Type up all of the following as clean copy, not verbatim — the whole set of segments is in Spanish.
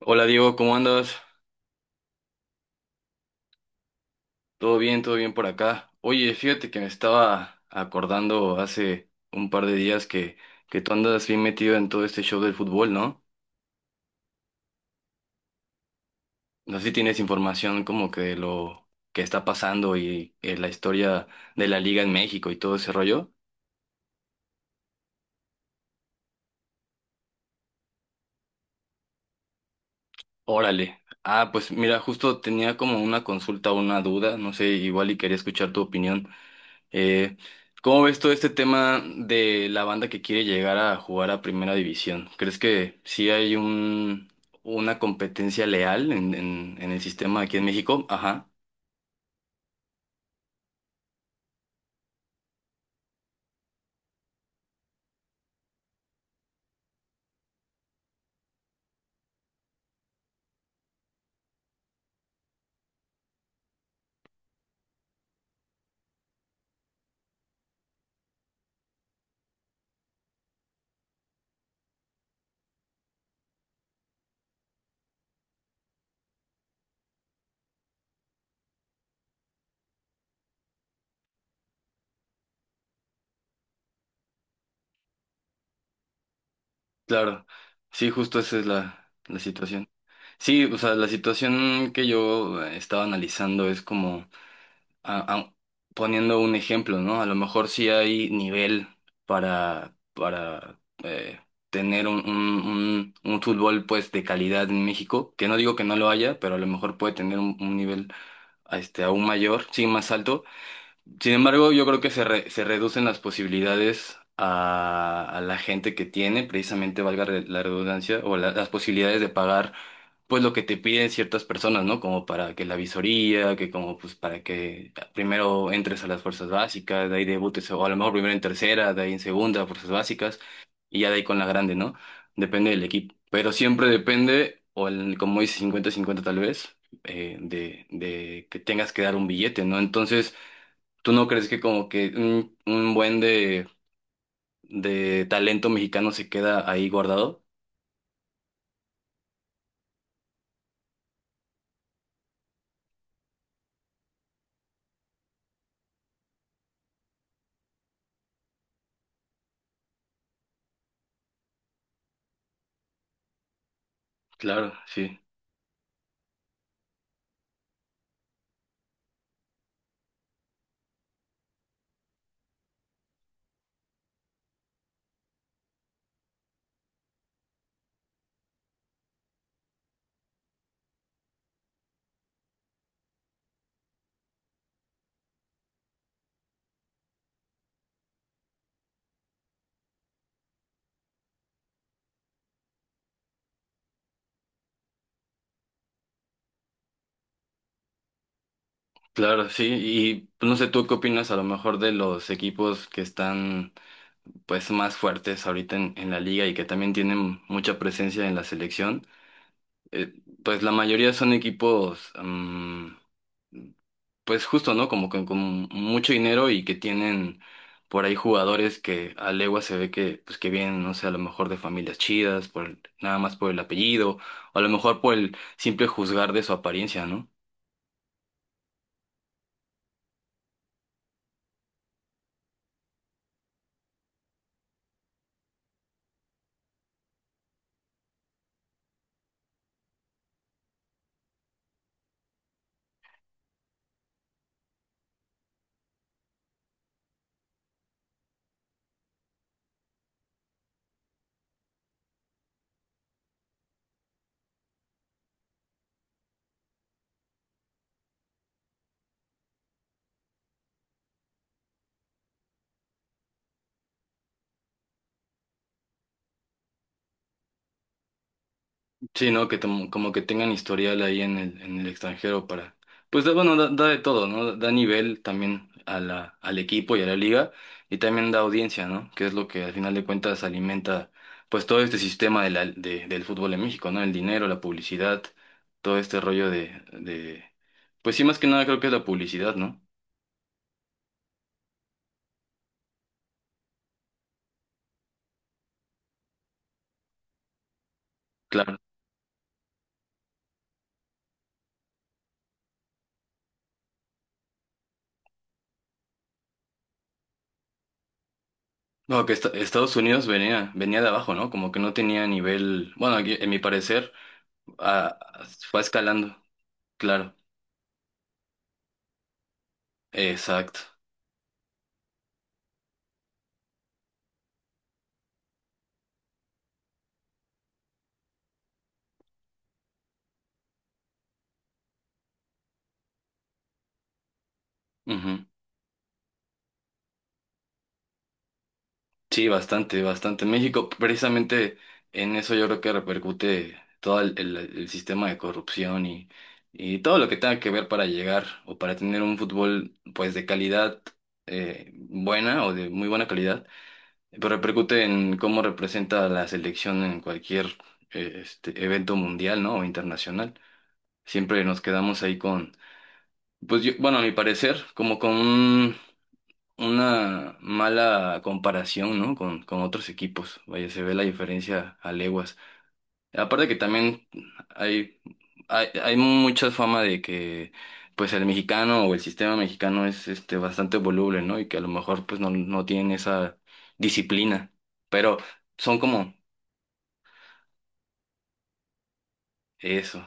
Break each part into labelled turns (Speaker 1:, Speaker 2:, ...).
Speaker 1: Hola Diego, ¿cómo andas? ¿Todo bien? ¿Todo bien por acá? Oye, fíjate que me estaba acordando hace un par de días que tú andas bien metido en todo este show del fútbol, ¿no? No sé si tienes información como que de lo que está pasando y la historia de la liga en México y todo ese rollo. Órale. Ah, pues mira, justo tenía como una consulta, una duda, no sé, igual y quería escuchar tu opinión. Eh, ¿Cómo ves todo este tema de la banda que quiere llegar a jugar a Primera División? ¿Crees que sí hay una competencia leal en el sistema aquí en México? Ajá, claro. Sí, justo esa es la situación. Sí, o sea, la situación que yo estaba analizando es como... a- a- poniendo un ejemplo, ¿no? A lo mejor sí hay nivel para tener un fútbol pues de calidad en México, que no digo que no lo haya, pero a lo mejor puede tener un nivel aún mayor, sí, más alto. Sin embargo, yo creo que se reducen las posibilidades a la gente que tiene, precisamente valga la redundancia, o las posibilidades de pagar pues lo que te piden ciertas personas, ¿no? Como para que la visoría, que como pues para que primero entres a las fuerzas básicas, de ahí debutes, o a lo mejor primero en tercera, de ahí en segunda, fuerzas básicas, y ya de ahí con la grande, ¿no? Depende del equipo, pero siempre depende, o el, como dice cincuenta cincuenta tal vez, de que tengas que dar un billete, ¿no? Entonces, ¿tú no crees que como que un buen de talento mexicano se queda ahí guardado? Claro, sí. Claro, sí, y pues, no sé, ¿tú qué opinas a lo mejor de los equipos que están pues más fuertes ahorita en la liga y que también tienen mucha presencia en la selección? Eh, pues la mayoría son equipos, mm, pues justo, ¿no? Como con mucho dinero y que tienen por ahí jugadores que a legua se ve que, pues que vienen, no sé, a lo mejor de familias chidas, nada más por el apellido, o a lo mejor por el simple juzgar de su apariencia, ¿no? Sí, ¿no? Que como que tengan historial ahí en el extranjero para... Pues bueno, da, da de todo, ¿no? Da nivel también a al equipo y a la liga y también da audiencia, ¿no? Que es lo que al final de cuentas alimenta pues todo este sistema de del fútbol en México, ¿no? El dinero, la publicidad, todo este rollo de... Pues sí, más que nada creo que es la publicidad, ¿no? Claro. No, que Estados Unidos venía, venía de abajo, ¿no? Como que no tenía nivel, bueno, aquí, en mi parecer, a- fue escalando, claro. Exacto. Ujú. Sí, bastante, bastante. México, precisamente en eso yo creo que repercute todo el sistema de corrupción y todo lo que tenga que ver para llegar o para tener un fútbol pues de calidad buena o de muy buena calidad, pero repercute en cómo representa a la selección en cualquier evento mundial, ¿no? O internacional. Siempre nos quedamos ahí con, pues yo, bueno, a mi parecer, como con una mala comparación, ¿no? Con otros equipos. Vaya, se ve la diferencia a leguas. Aparte que también hay, hay mucha fama de que pues el mexicano o el sistema mexicano es este bastante voluble, ¿no? Y que a lo mejor pues no, no tienen esa disciplina. Pero son como eso.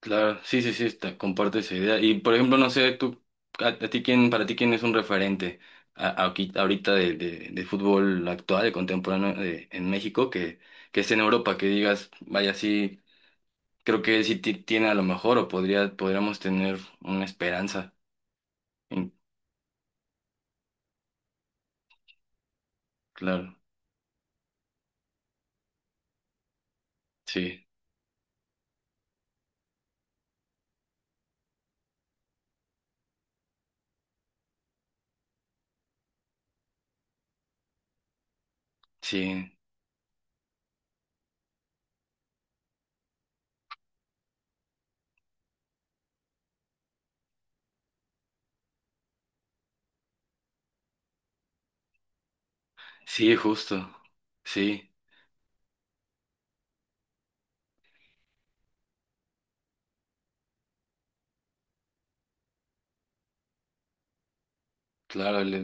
Speaker 1: Claro, sí, sí, sí, está, comparto esa idea. Y por ejemplo, no sé, tú, a ti quién, para ti quién es un referente ahorita de fútbol actual, de contemporáneo en México, que esté en Europa, que digas, vaya, sí, creo que sí tiene a lo mejor o podría, podríamos tener una esperanza. En- claro, sí, sí, sí, justo, sí, claro, el-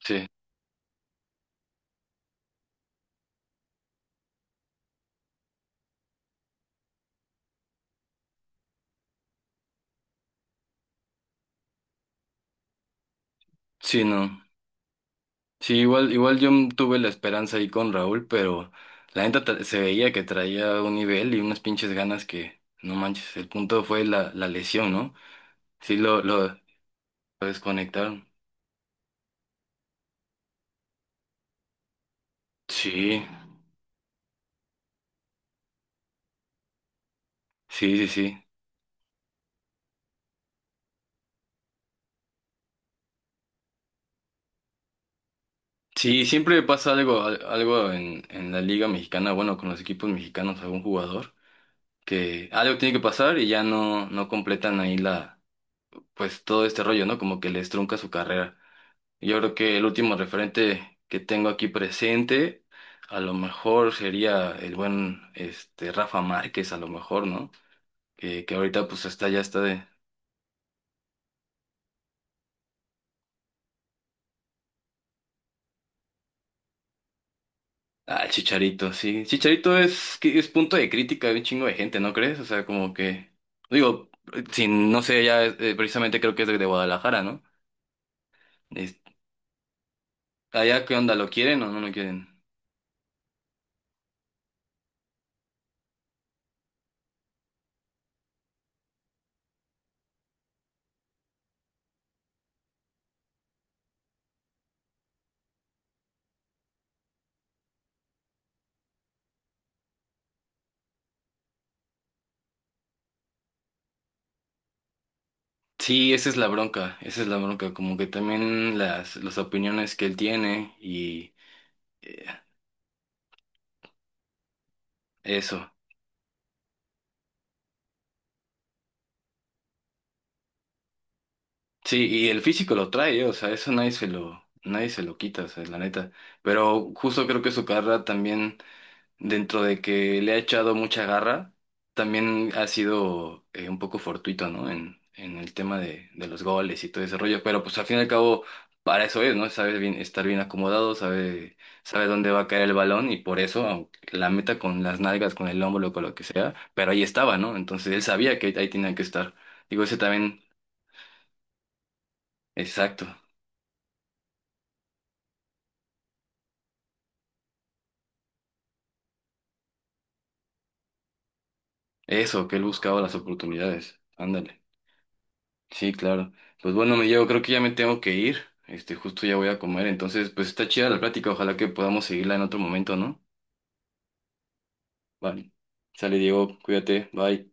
Speaker 1: sí, sí, no. Sí, igual, igual yo tuve la esperanza ahí con Raúl, pero la neta se veía que traía un nivel y unas pinches ganas que, no manches, el punto fue la lesión, ¿no? Sí, lo desconectaron. Sí, sí, sí, sí. Sí, siempre pasa algo, algo en la Liga Mexicana, bueno, con los equipos mexicanos, algún jugador, que algo tiene que pasar y ya no, no completan ahí la, pues todo este rollo, ¿no? Como que les trunca su carrera. Yo creo que el último referente que tengo aquí presente, a lo mejor sería el buen este Rafa Márquez, a lo mejor, ¿no? Que ahorita pues está ya está de. Ah, el Chicharito, sí. Chicharito es, que es punto de crítica de un chingo de gente, ¿no crees? O sea, como que. Digo, sin, no sé, ya precisamente creo que es de Guadalajara, ¿no? Es- allá qué onda, ¿lo quieren o no lo quieren? Sí, esa es la bronca, esa es la bronca, como que también las opiniones que él tiene y. eh, eso, Sí, y el físico lo trae, ¿eh? O sea, eso nadie se lo, nadie se lo quita, o sea, la neta. Pero justo creo que su carrera también, dentro de que le ha echado mucha garra, también ha sido un poco fortuito, ¿no? En el tema de los goles y todo ese rollo. Pero pues al fin y al cabo, para eso es, ¿no? Sabe bien, estar bien acomodado, sabe, sabe dónde va a caer el balón y por eso, aunque la meta con las nalgas, con el hombro, con lo que sea, pero ahí estaba, ¿no? Entonces él sabía que ahí tenía que estar. Digo, ese también, exacto. Eso, que él buscaba las oportunidades. Ándale. Sí, claro. Pues bueno, me llevo, creo que ya me tengo que ir. Este, justo ya voy a comer. Entonces, pues está chida la plática. Ojalá que podamos seguirla en otro momento, ¿no? Vale. Sale, Diego, cuídate. Bye.